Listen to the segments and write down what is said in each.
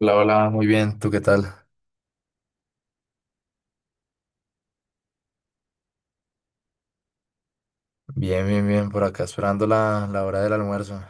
Hola, hola, muy bien, ¿tú qué tal? Bien, bien, bien, por acá esperando la hora del almuerzo.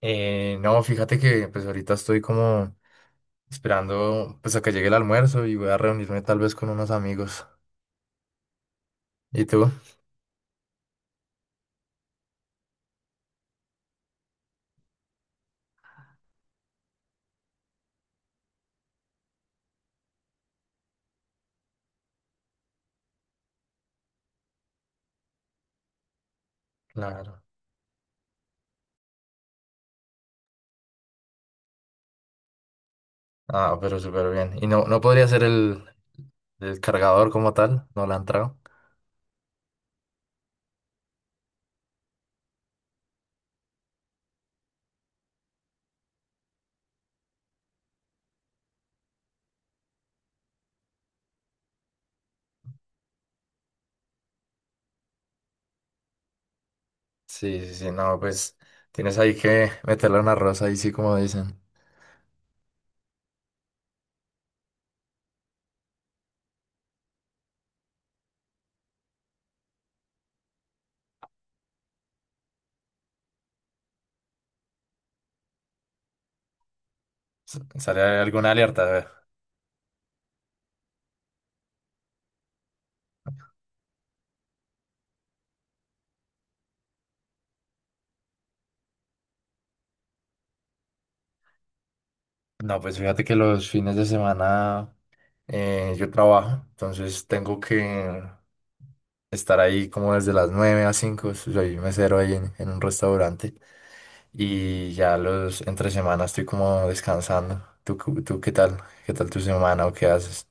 No, fíjate que pues ahorita estoy como esperando pues a que llegue el almuerzo y voy a reunirme tal vez con unos amigos. ¿Y tú? Claro. Ah, pero súper bien. ¿Y no, no podría ser el cargador como tal? ¿No la han entrado? Sí, sí, sí, no, pues tienes ahí que meterle una rosa ahí sí como dicen. ¿Sale alguna alerta? A ver. No, pues fíjate que los fines de semana... yo trabajo, entonces tengo que estar ahí como desde las 9 a cinco, soy mesero ahí en un restaurante y ya los entre semana estoy como descansando. ¿Tú qué tal? ¿Qué tal tu semana o qué haces?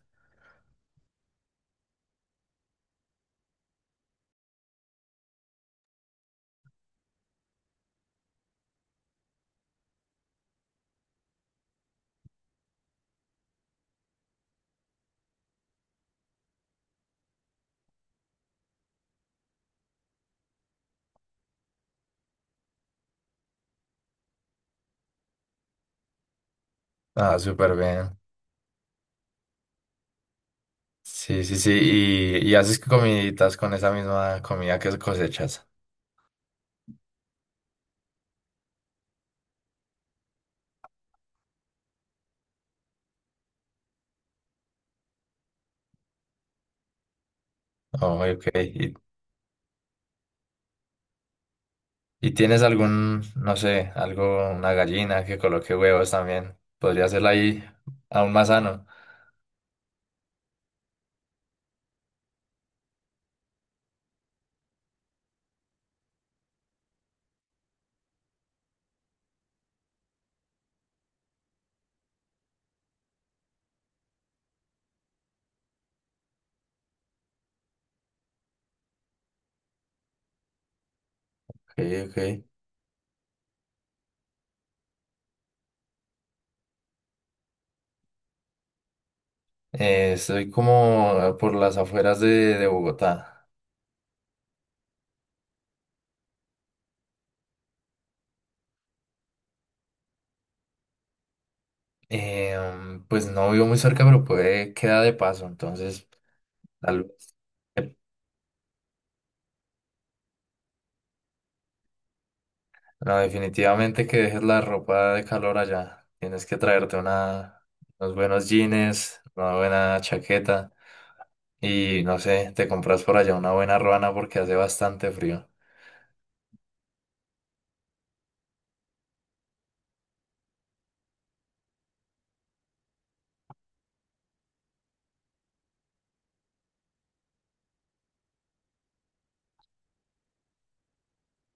Ah, súper bien. Sí, sí, sí. Y haces comiditas con esa misma comida que cosechas? Oh, ok. Y tienes algún, no sé, algo, una gallina que coloque huevos también? Podría hacerla ahí aún más sano. Ok, ok. Estoy como por las afueras de Bogotá. Mm, pues no vivo muy cerca, pero puede quedar de paso. Entonces, tal vez. eh, No, definitivamente que dejes la ropa de calor allá. Tienes que traerte una, unos buenos jeans, una buena chaqueta y no sé, te compras por allá una buena ruana porque hace bastante frío.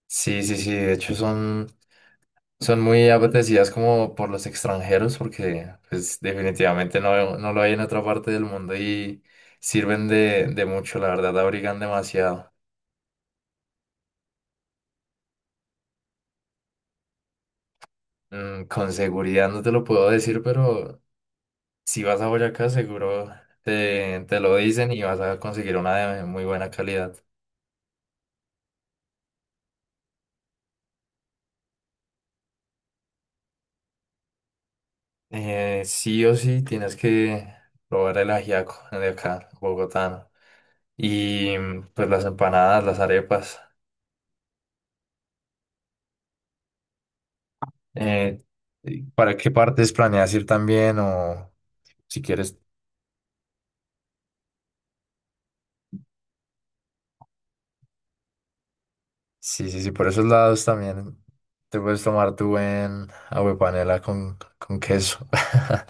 Sí, sí, sí. De hecho, son son muy apetecidas como por los extranjeros porque pues definitivamente no, no lo hay en otra parte del mundo y sirven de mucho, la verdad, abrigan demasiado. Mm, con seguridad no te lo puedo decir, pero si vas a Boyacá seguro te, te lo dicen y vas a conseguir una de muy buena calidad. Sí o sí tienes que probar el ajiaco de acá, bogotano. Y mm, pues las empanadas, las arepas. Eh, ¿Para qué partes planeas ir también? O si quieres, sí, sí, sí, por esos lados también te puedes tomar tu buen aguapanela con queso.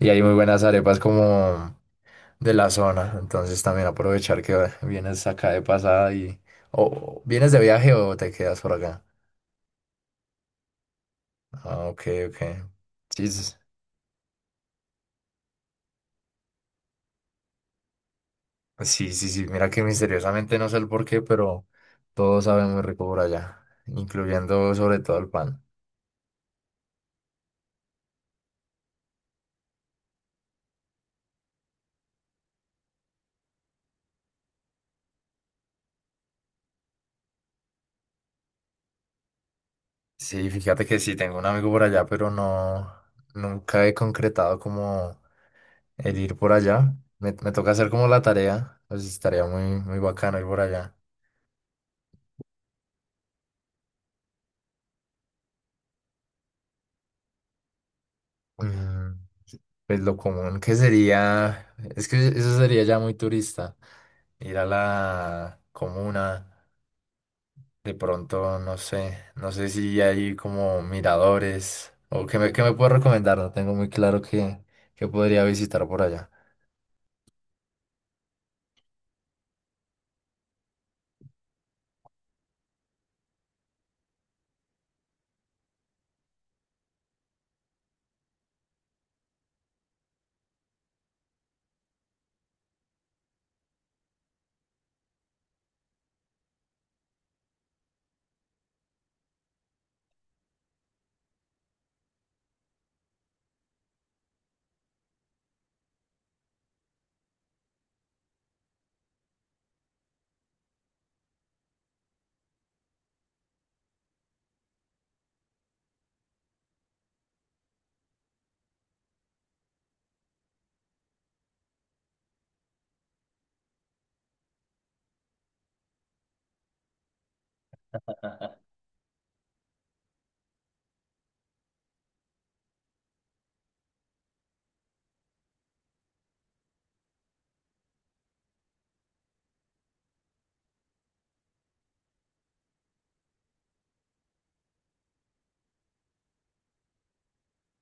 Y hay muy buenas arepas como de la zona, entonces también aprovechar que vienes acá de pasada y... O o vienes de viaje o te quedas por acá. Ah, ok, ok. Sí, sí, sí, sí, sí, mira que misteriosamente no sé el por qué, pero todo sabe muy rico por allá, incluyendo sobre todo el pan. Sí, fíjate que sí, tengo un amigo por allá, pero no, nunca he concretado como el ir por allá. Me toca hacer como la tarea, pues estaría muy, muy bacano ir por allá. Mm, pues lo común que sería, es que eso sería ya muy turista, ir a la comuna, de pronto, no sé, no sé si hay como miradores o qué me puedes recomendar, no tengo muy claro qué, qué podría visitar por allá.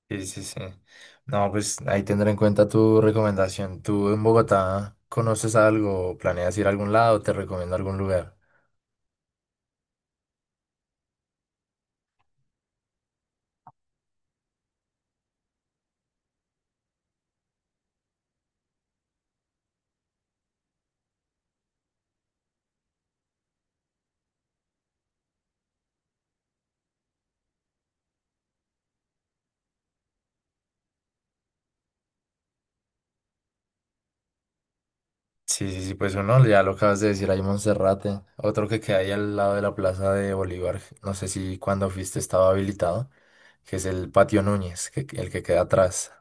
Sí, sí, sí. No, pues ahí tendré en cuenta tu recomendación. ¿Tú en Bogotá conoces algo? ¿Planeas ir a algún lado? ¿Te recomiendo algún lugar? Sí, sí, sí, pues uno, ya lo acabas de decir, hay Monserrate. Otro que queda ahí al lado de la Plaza de Bolívar. No sé si cuando fuiste estaba habilitado, que es el Patio Núñez, que, el que queda atrás.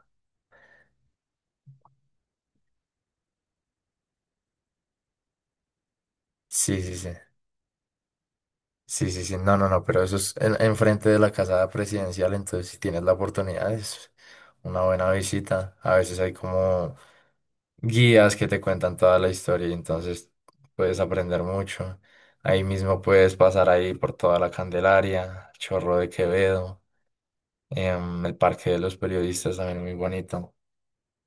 Sí, sí, sí. Sí, sí, sí. No, no, no, pero eso es enfrente de la casa presidencial, entonces si tienes la oportunidad es una buena visita. A veces hay como guías que te cuentan toda la historia y entonces puedes aprender mucho. Ahí mismo puedes pasar ahí por toda la Candelaria, Chorro de Quevedo, el Parque de los Periodistas también, muy bonito.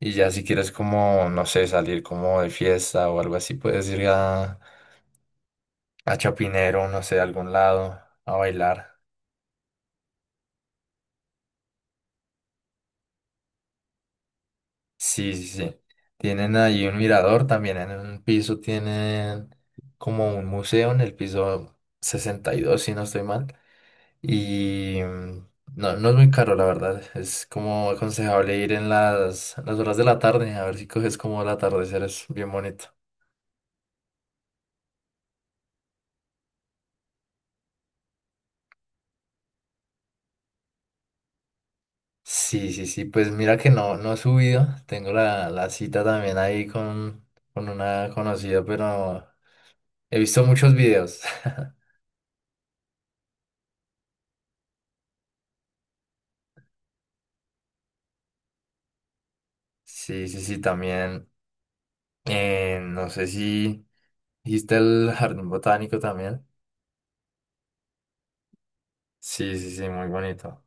Y ya si quieres como, no sé, salir como de fiesta o algo así, puedes ir a Chapinero, no sé, a algún lado, a bailar. Sí, sí, sí. Tienen ahí un mirador también en un piso, tienen como un museo en el piso 62, si no estoy mal. Y mm, no, no es muy caro, la verdad. Es como aconsejable ir en las horas de la tarde, a ver si coges como el atardecer, es bien bonito. Sí, sí, sí, pues mira que no, no he subido. Tengo la, la cita también ahí con una conocida, pero he visto muchos videos. Sí, sí, sí, también. No sé si hiciste el jardín botánico también. Sí, sí, sí, muy bonito.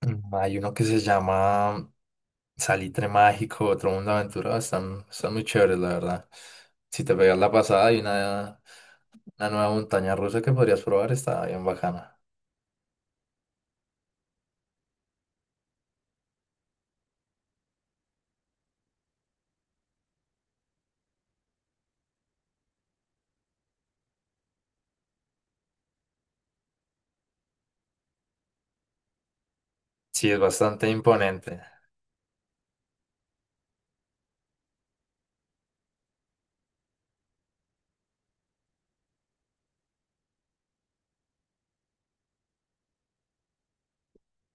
Mm, hay uno que se llama Salitre Mágico, otro Mundo de Aventura. Están, están muy chéveres, la verdad. Si te pegas la pasada, hay una nueva montaña rusa que podrías probar. Está bien bacana. Sí, es bastante imponente.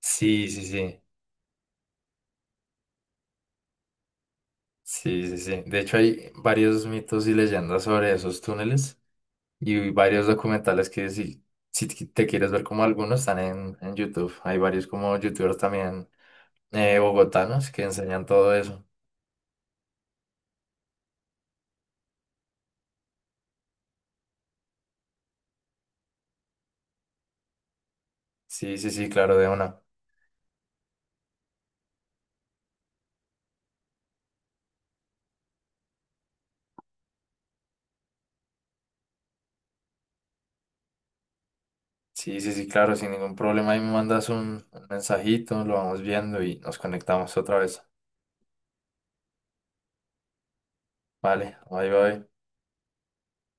Sí, sí, sí. Sí, sí, sí. De hecho, hay varios mitos y leyendas sobre esos túneles y varios documentales que si, si te quieres ver, como algunos están en YouTube. Hay varios como youtubers también, bogotanos, que enseñan todo eso. Sí, sí, sí, claro, de una. Sí, sí, sí, claro, sin ningún problema. Ahí me mandas un mensajito, lo vamos viendo y nos conectamos otra vez. Vale, bye, bye.